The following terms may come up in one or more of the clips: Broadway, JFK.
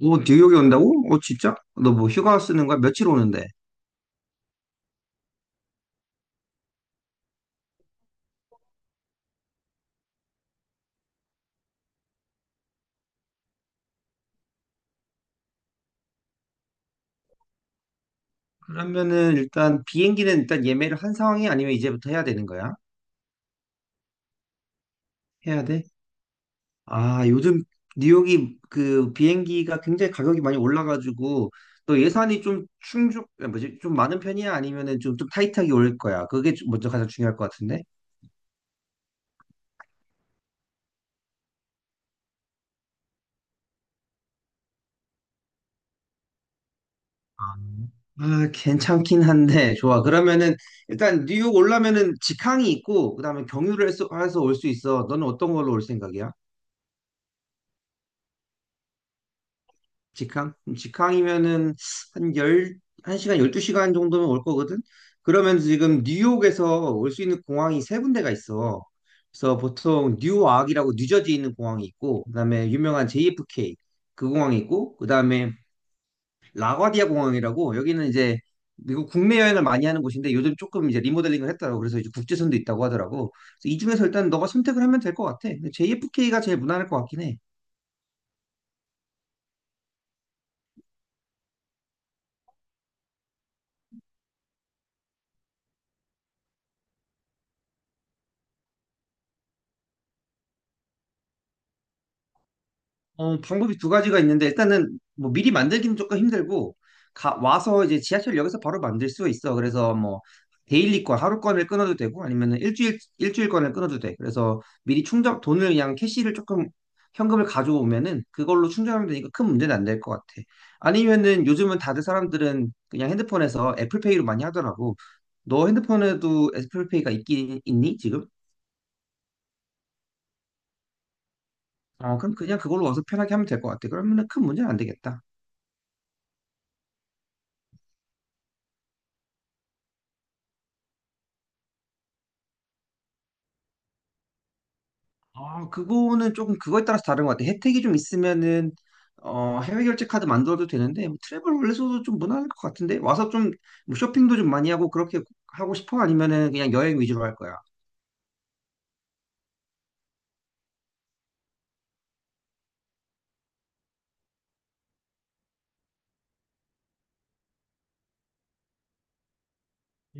오, 뉴욕에 온다고? 오, 진짜? 너 뭐 휴가 쓰는 거야? 며칠 오는데? 그러면은 일단 비행기는 일단 예매를 한 상황이 아니면 이제부터 해야 되는 거야? 해야 돼? 아, 요즘 뉴욕이 그 비행기가 굉장히 가격이 많이 올라가지고 너 예산이 좀 충족, 아, 뭐지? 좀 많은 편이야? 아니면은 좀 타이트하게 올 거야? 그게 좀 먼저 가장 중요할 것 같은데? 아, 괜찮긴 한데, 좋아. 그러면은 일단 뉴욕 올라면은 직항이 있고, 그 다음에 경유를 해서 올 수 있어. 너는 어떤 걸로 올 생각이야? 직항? 그럼 직항이면은 한 열, 한시간 12시간 정도면 올 거거든? 그러면 지금 뉴욕에서 올 수 있는 공항이 세 군데가 있어. 그래서 보통 뉴아크이라고 뉴저지에 있는 공항이 있고, 그다음에 유명한 JFK 그 공항이 있고, 그다음에 라과디아 공항이라고 여기는 이제 미국 국내 여행을 많이 하는 곳인데 요즘 조금 이제 리모델링을 했더라고. 그래서 이제 국제선도 있다고 하더라고. 그래서 이 중에서 일단 너가 선택을 하면 될 것 같아. JFK가 제일 무난할 것 같긴 해. 어, 방법이 두 가지가 있는데 일단은 뭐 미리 만들기는 조금 힘들고 와서 이제 지하철역에서 바로 만들 수 있어. 그래서 뭐 데일리권 하루권을 끊어도 되고 아니면은 일주일권을 끊어도 돼. 그래서 미리 충전 돈을 그냥 캐시를 조금 현금을 가져오면은 그걸로 충전하면 되니까 큰 문제는 안 될 것 같아. 아니면은 요즘은 다들 사람들은 그냥 핸드폰에서 애플페이로 많이 하더라고. 너 핸드폰에도 애플페이가 있긴 있니 지금? 어, 그럼 그냥 그걸로 와서 편하게 하면 될 것 같아. 그러면은 큰 문제는 안 되겠다. 아, 그거는 조금 그거에 따라서 다른 것 같아. 혜택이 좀 있으면은 어, 해외 결제 카드 만들어도 되는데 뭐 트래블 월렛으로도 좀 무난할 것 같은데 와서 좀뭐 쇼핑도 좀 많이 하고 그렇게 하고 싶어? 아니면은 그냥 여행 위주로 할 거야?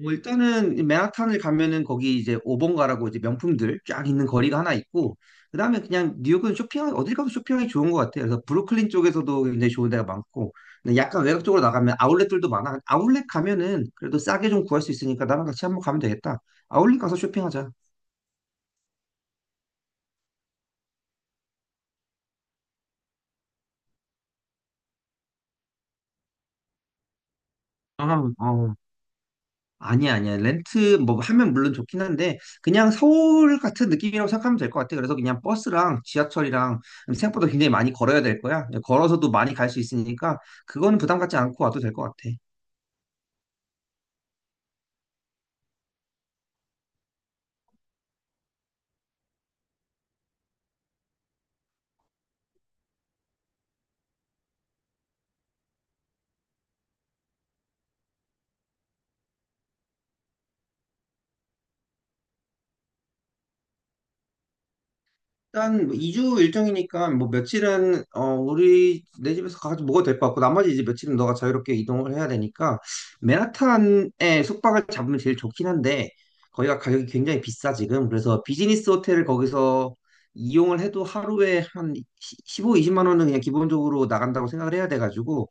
뭐 일단은 맨하탄을 가면은 거기 이제 오번가라고 이제 명품들 쫙 있는 거리가 하나 있고 그다음에 그냥 뉴욕은 쇼핑하기 어딜 가도 쇼핑하기 좋은 것 같아요. 그래서 브루클린 쪽에서도 굉장히 좋은 데가 많고 근데 약간 외곽 쪽으로 나가면 아울렛들도 많아. 아울렛 가면은 그래도 싸게 좀 구할 수 있으니까 나랑 같이 한번 가면 되겠다. 아울렛 가서 쇼핑하자. 아, 어. 아니야, 아니야. 렌트 뭐 하면 물론 좋긴 한데 그냥 서울 같은 느낌이라고 생각하면 될 것 같아. 그래서 그냥 버스랑 지하철이랑 생각보다 굉장히 많이 걸어야 될 거야. 걸어서도 많이 갈 수 있으니까 그거는 부담 갖지 않고 와도 될 것 같아. 일단 뭐 2주 일정이니까 뭐 며칠은 어 우리 내 집에서 가지고 먹어도 될 것 같고 나머지 이제 며칠은 너가 자유롭게 이동을 해야 되니까 맨하탄에 숙박을 잡으면 제일 좋긴 한데 거기가 가격이 굉장히 비싸 지금 그래서 비즈니스 호텔을 거기서 이용을 해도 하루에 한 15, 20만 원은 그냥 기본적으로 나간다고 생각을 해야 돼가지고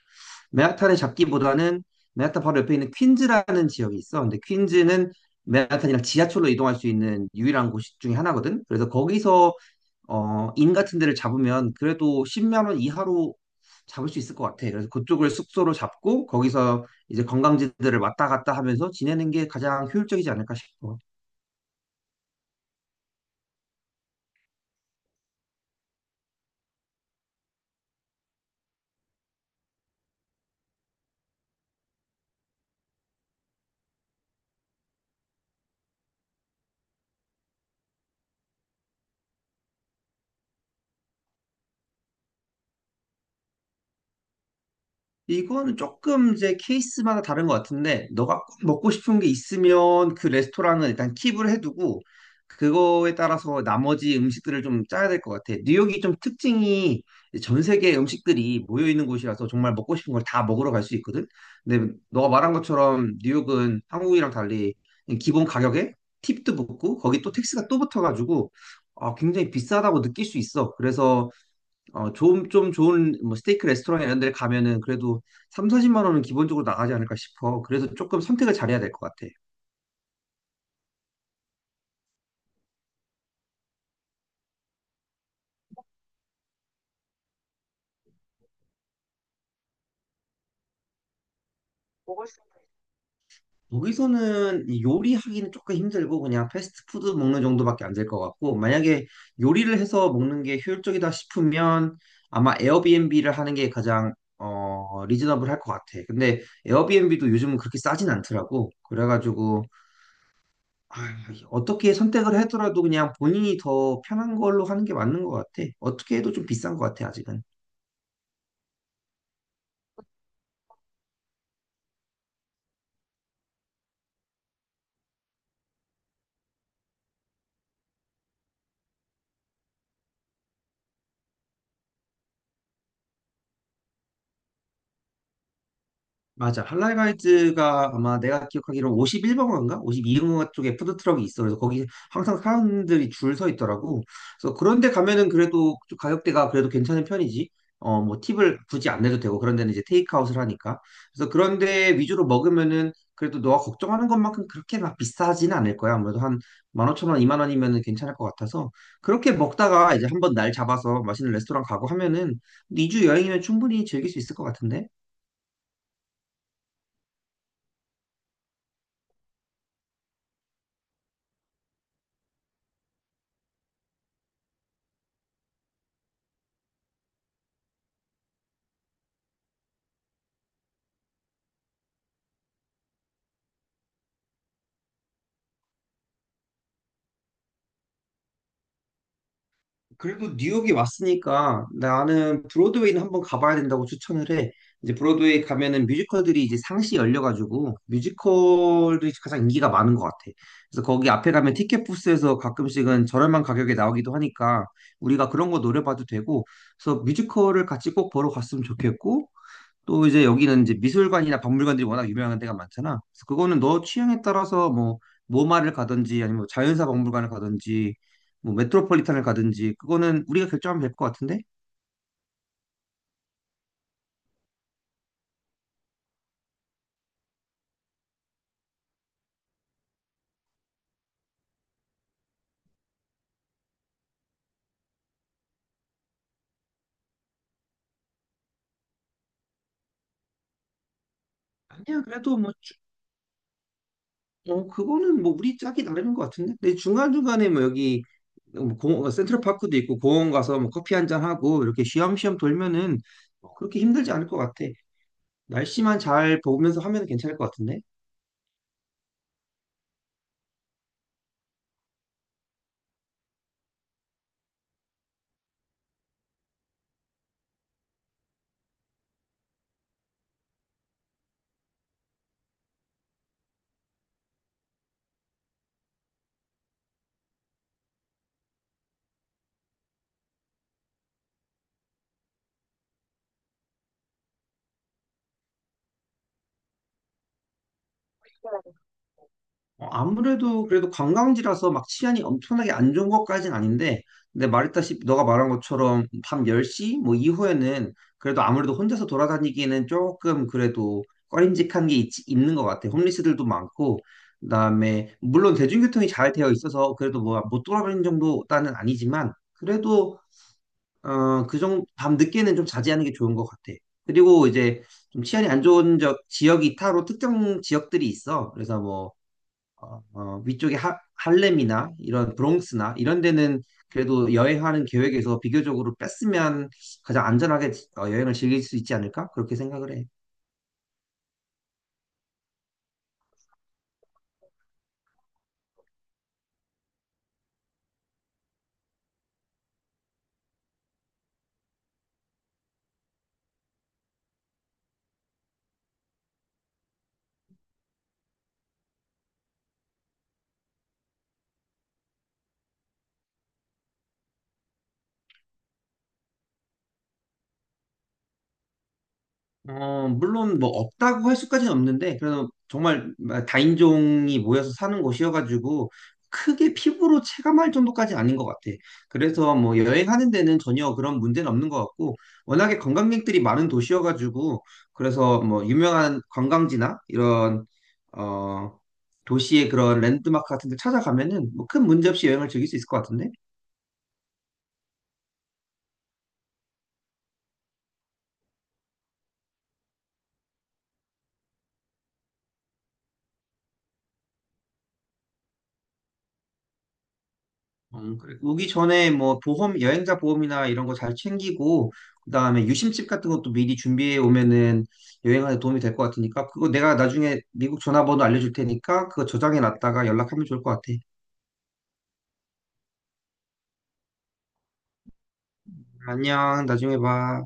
맨하탄에 잡기보다는 맨하탄 바로 옆에 있는 퀸즈라는 지역이 있어 근데 퀸즈는 맨하탄이랑 지하철로 이동할 수 있는 유일한 곳 중에 하나거든 그래서 거기서 어, 인 같은 데를 잡으면 그래도 10만 원 이하로 잡을 수 있을 것 같아. 그래서 그쪽을 숙소로 잡고 거기서 이제 관광지들을 왔다 갔다 하면서 지내는 게 가장 효율적이지 않을까 싶어. 이거는 조금 이제 케이스마다 다른 것 같은데, 너가 꼭 먹고 싶은 게 있으면 그 레스토랑은 일단 킵을 해두고, 그거에 따라서 나머지 음식들을 좀 짜야 될 것 같아. 뉴욕이 좀 특징이 전 세계 음식들이 모여 있는 곳이라서 정말 먹고 싶은 걸 다 먹으러 갈 수 있거든. 근데 너가 말한 것처럼 뉴욕은 한국이랑 달리 기본 가격에 팁도 붙고 거기 또 택스가 또 붙어가지고 아, 굉장히 비싸다고 느낄 수 있어. 그래서 어, 좀 좋은 뭐 스테이크 레스토랑 이런 데 가면은 그래도 3, 40만 원은 기본적으로 나가지 않을까 싶어. 그래서 조금 선택을 잘해야 될 것 같아. 여기서는 이 요리하기는 조금 힘들고 그냥 패스트푸드 먹는 정도밖에 안 될 것 같고 만약에 요리를 해서 먹는 게 효율적이다 싶으면 아마 에어비앤비를 하는 게 가장 어, 리즈너블할 것 같아. 근데 에어비앤비도 요즘은 그렇게 싸진 않더라고. 그래가지고 아, 어떻게 선택을 하더라도 그냥 본인이 더 편한 걸로 하는 게 맞는 것 같아. 어떻게 해도 좀 비싼 것 같아, 아직은. 맞아. 할랄가이즈가 아마 내가 기억하기로 51번가인가? 52번가 쪽에 푸드트럭이 있어. 그래서 거기 항상 사람들이 줄 서 있더라고. 그래서 그런데 가면은 그래도 좀 가격대가 그래도 괜찮은 편이지. 어, 뭐 팁을 굳이 안 내도 되고 그런 데는 이제 테이크아웃을 하니까. 그래서 그런 데 위주로 먹으면은 그래도 너가 걱정하는 것만큼 그렇게 막 비싸지는 않을 거야. 아무래도 한 15,000원, 2만 원이면은 괜찮을 것 같아서 그렇게 먹다가 이제 한번 날 잡아서 맛있는 레스토랑 가고 하면은 2주 여행이면 충분히 즐길 수 있을 것 같은데. 그래도 뉴욕이 왔으니까 나는 브로드웨이는 한번 가봐야 된다고 추천을 해. 이제 브로드웨이 가면은 뮤지컬들이 이제 상시 열려가지고 뮤지컬들이 가장 인기가 많은 것 같아. 그래서 거기 앞에 가면 티켓 부스에서 가끔씩은 저렴한 가격에 나오기도 하니까 우리가 그런 거 노려봐도 되고, 그래서 뮤지컬을 같이 꼭 보러 갔으면 좋겠고, 또 이제 여기는 이제 미술관이나 박물관들이 워낙 유명한 데가 많잖아. 그래서 그거는 너 취향에 따라서 뭐 모마를 가든지 아니면 자연사 박물관을 가든지 뭐 메트로폴리탄을 가든지 그거는 우리가 결정하면 될 것 같은데? 아니야 그래도 뭐 주- 어, 그거는 뭐 우리 짝이 나름인 것 같은데? 근데 중간중간에 뭐 여기 어, 뭐 센트럴파크도 있고 공원 가서 뭐 커피 한 잔 하고 이렇게 쉬엄쉬엄 돌면은 뭐 그렇게 힘들지 않을 것 같아. 날씨만 잘 보면서 하면 괜찮을 것 같은데? 어, 아무래도 그래도 관광지라서 막 치안이 엄청나게 안 좋은 것까진 아닌데, 근데 말했다시피 너가 말한 것처럼 밤 10시 뭐 이후에는 그래도 아무래도 혼자서 돌아다니기에는 조금 그래도 꺼림직한 게 있는 것 같아. 홈리스들도 많고, 그다음에 물론 대중교통이 잘 되어 있어서 그래도 뭐 못 돌아다니는 정도는 아니지만 그래도 어, 그 정도 밤 늦게는 좀 자제하는 게 좋은 것 같아. 그리고 이제 좀 치안이 안 좋은 지역이 따로 특정 지역들이 있어. 그래서 뭐 위쪽에 할렘이나 이런 브롱스나 이런 데는 그래도 여행하는 계획에서 비교적으로 뺐으면 가장 안전하게 여행을 즐길 수 있지 않을까? 그렇게 생각을 해. 어, 물론 뭐 없다고 할 수까지는 없는데 그래서 정말 다인종이 모여서 사는 곳이어가지고 크게 피부로 체감할 정도까지 아닌 것 같아. 그래서 뭐 여행하는 데는 전혀 그런 문제는 없는 것 같고 워낙에 관광객들이 많은 도시여가지고 그래서 뭐 유명한 관광지나 이런 어 도시의 그런 랜드마크 같은 데 찾아가면은 뭐 큰 문제 없이 여행을 즐길 수 있을 것 같은데? 그래. 오기 전에 뭐 보험, 여행자 보험이나 이런 거 잘 챙기고, 그다음에 유심칩 같은 것도 미리 준비해 오면은 여행하는 도움이 될 것 같으니까, 그거 내가 나중에 미국 전화번호 알려줄 테니까, 그거 저장해 놨다가 연락하면 좋을 것 같아. 안녕, 나중에 봐.